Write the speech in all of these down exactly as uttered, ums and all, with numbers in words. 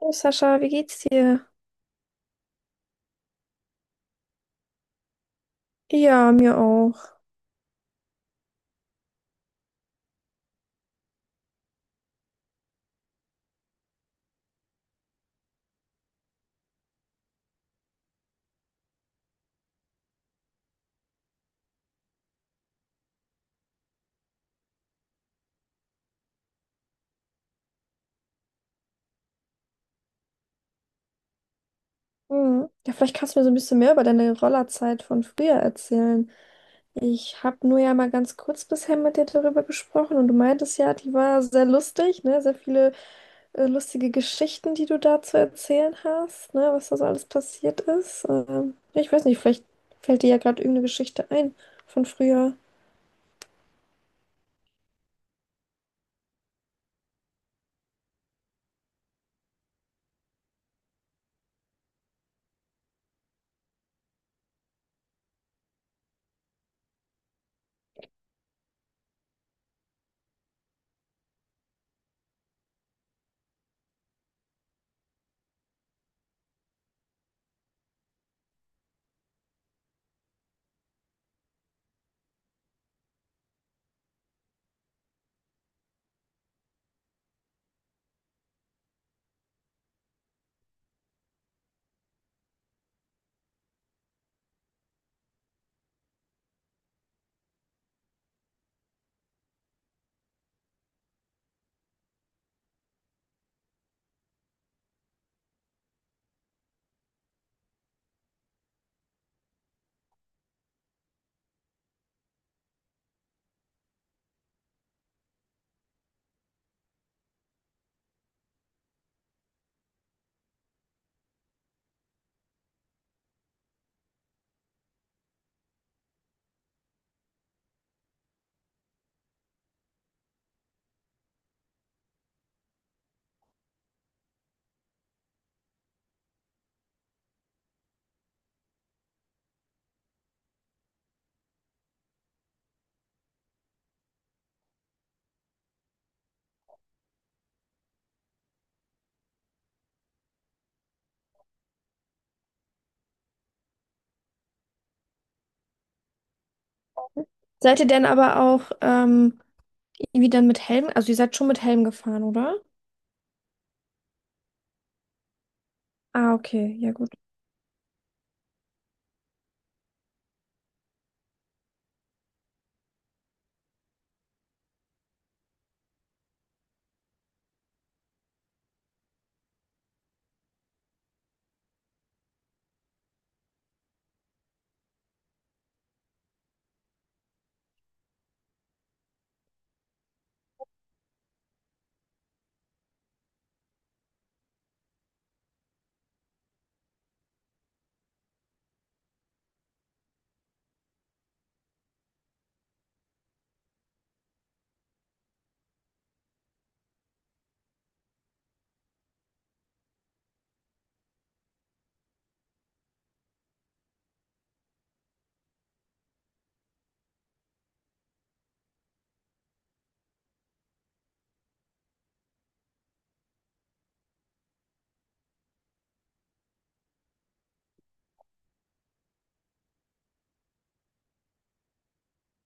Hallo Sascha, wie geht's dir? Ja, mir auch. Hm. Ja, vielleicht kannst du mir so ein bisschen mehr über deine Rollerzeit von früher erzählen. Ich habe nur ja mal ganz kurz bisher mit dir darüber gesprochen und du meintest ja, die war sehr lustig, ne? Sehr viele äh, lustige Geschichten, die du da zu erzählen hast, ne? Was da so alles passiert ist. Ähm, ja, ich weiß nicht, vielleicht fällt dir ja gerade irgendeine Geschichte ein von früher. Seid ihr denn aber auch ähm, irgendwie dann mit Helm? Also ihr seid schon mit Helm gefahren, oder? Ah, okay, ja.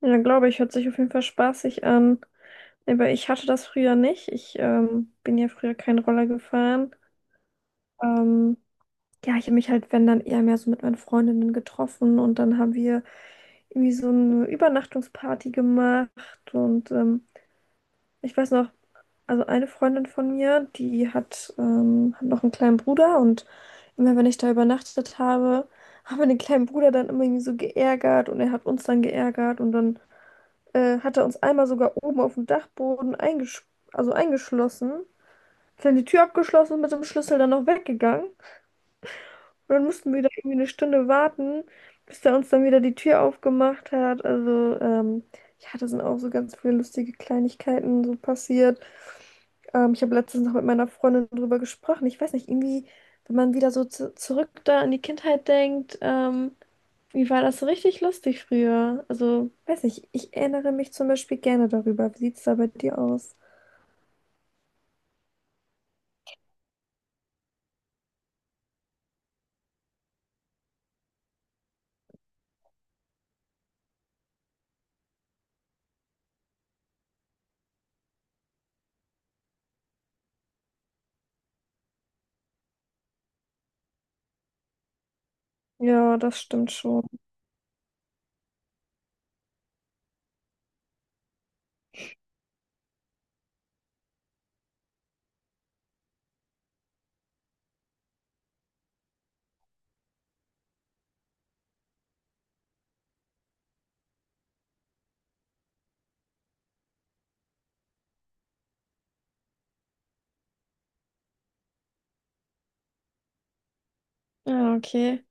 Ja, glaube ich, hört sich auf jeden Fall spaßig an. Aber ich hatte das früher nicht. Ich ähm, bin ja früher keinen Roller gefahren. Ähm, ja, ich habe mich halt, wenn dann eher mehr so mit meinen Freundinnen getroffen und dann haben wir irgendwie so eine Übernachtungsparty gemacht und ähm, ich weiß noch, also eine Freundin von mir, die hat, ähm, hat noch einen kleinen Bruder und immer wenn ich da übernachtet habe, haben wir den kleinen Bruder dann immer irgendwie so geärgert und er hat uns dann geärgert und dann äh, hat er uns einmal sogar oben auf dem Dachboden eingesch also eingeschlossen, dann die Tür abgeschlossen und mit dem Schlüssel dann noch weggegangen. Und dann mussten wir da irgendwie eine Stunde warten, bis er uns dann wieder die Tür aufgemacht hat. Also, ähm, ja, da sind auch so ganz viele lustige Kleinigkeiten so passiert. Ähm, ich habe letztens noch mit meiner Freundin drüber gesprochen. Ich weiß nicht, irgendwie, wenn man wieder so zu zurück da an die Kindheit denkt, ähm, wie war das so richtig lustig früher? Also, weiß nicht, ich erinnere mich zum Beispiel gerne darüber. Wie sieht es da bei dir aus? Ja, das stimmt schon. Ja, okay.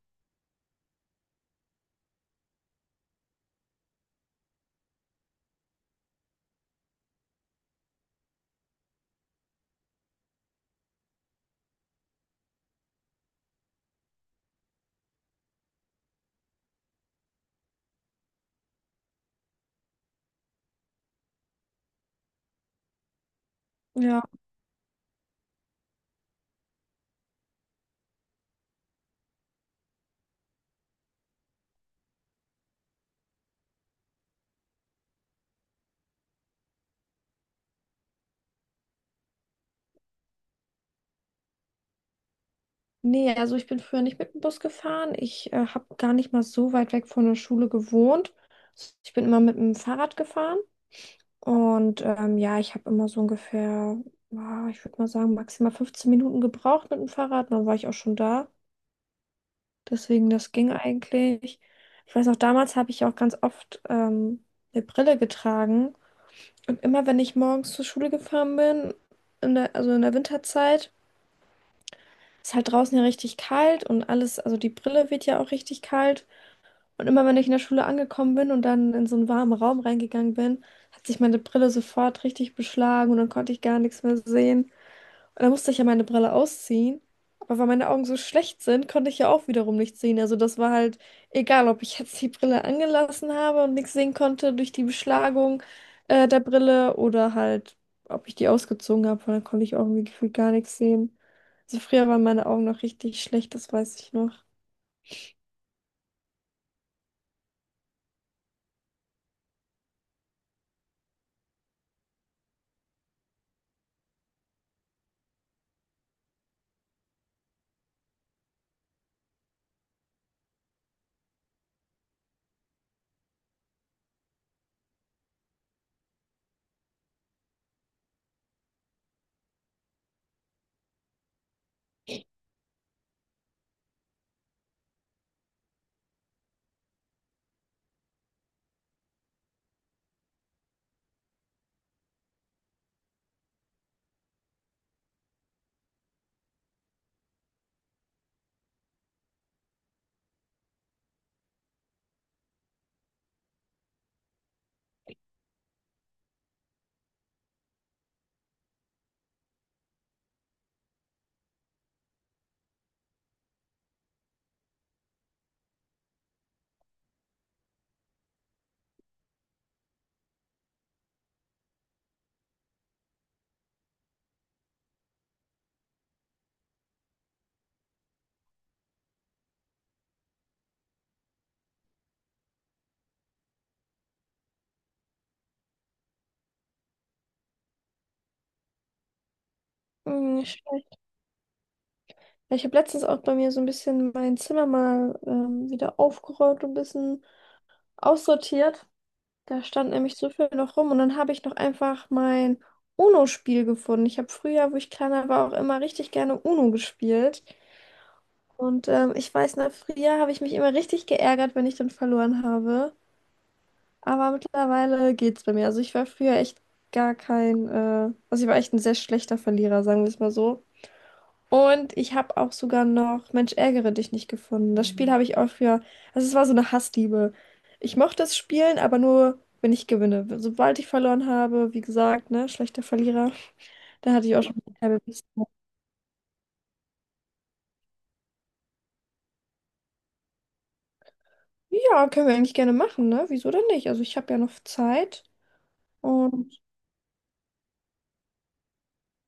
Ja. Nee, also ich bin früher nicht mit dem Bus gefahren. Ich äh, habe gar nicht mal so weit weg von der Schule gewohnt. Ich bin immer mit dem Fahrrad gefahren. Und ähm, ja, ich habe immer so ungefähr, ah, ich würde mal sagen, maximal fünfzehn Minuten gebraucht mit dem Fahrrad. Dann war ich auch schon da. Deswegen, das ging eigentlich. Ich weiß auch, damals habe ich ja auch ganz oft ähm, eine Brille getragen. Und immer, wenn ich morgens zur Schule gefahren bin, in der, also in der Winterzeit, ist halt draußen ja richtig kalt und alles, also die Brille wird ja auch richtig kalt. Und immer wenn ich in der Schule angekommen bin und dann in so einen warmen Raum reingegangen bin, hat sich meine Brille sofort richtig beschlagen und dann konnte ich gar nichts mehr sehen. Und dann musste ich ja meine Brille ausziehen. Aber weil meine Augen so schlecht sind, konnte ich ja auch wiederum nichts sehen. Also das war halt egal, ob ich jetzt die Brille angelassen habe und nichts sehen konnte durch die Beschlagung äh, der Brille oder halt, ob ich die ausgezogen habe, weil dann konnte ich auch irgendwie gefühlt gar nichts sehen. Also früher waren meine Augen noch richtig schlecht, das weiß ich noch. Mm, ja, ich habe letztens auch bei mir so ein bisschen mein Zimmer mal ähm, wieder aufgeräumt und ein bisschen aussortiert. Da stand nämlich so viel noch rum und dann habe ich noch einfach mein UNO-Spiel gefunden. Ich habe früher, wo ich kleiner war, auch immer richtig gerne UNO gespielt. Und ähm, ich weiß, na früher habe ich mich immer richtig geärgert, wenn ich dann verloren habe. Aber mittlerweile geht's bei mir. Also ich war früher echt gar kein, äh, also ich war echt ein sehr schlechter Verlierer, sagen wir es mal so. Und ich habe auch sogar noch Mensch, ärgere dich nicht gefunden. Das Spiel habe ich auch für, also es war so eine Hassliebe. Ich mochte es spielen, aber nur, wenn ich gewinne. Sobald ich verloren habe, wie gesagt, ne, schlechter Verlierer, da hatte ich auch schon eine halbe. Ja, können wir eigentlich gerne machen, ne? Wieso denn nicht? Also ich habe ja noch Zeit. Und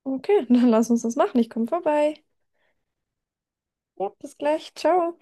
okay, dann lass uns das machen. Ich komme vorbei. Ja, bis gleich. Ciao.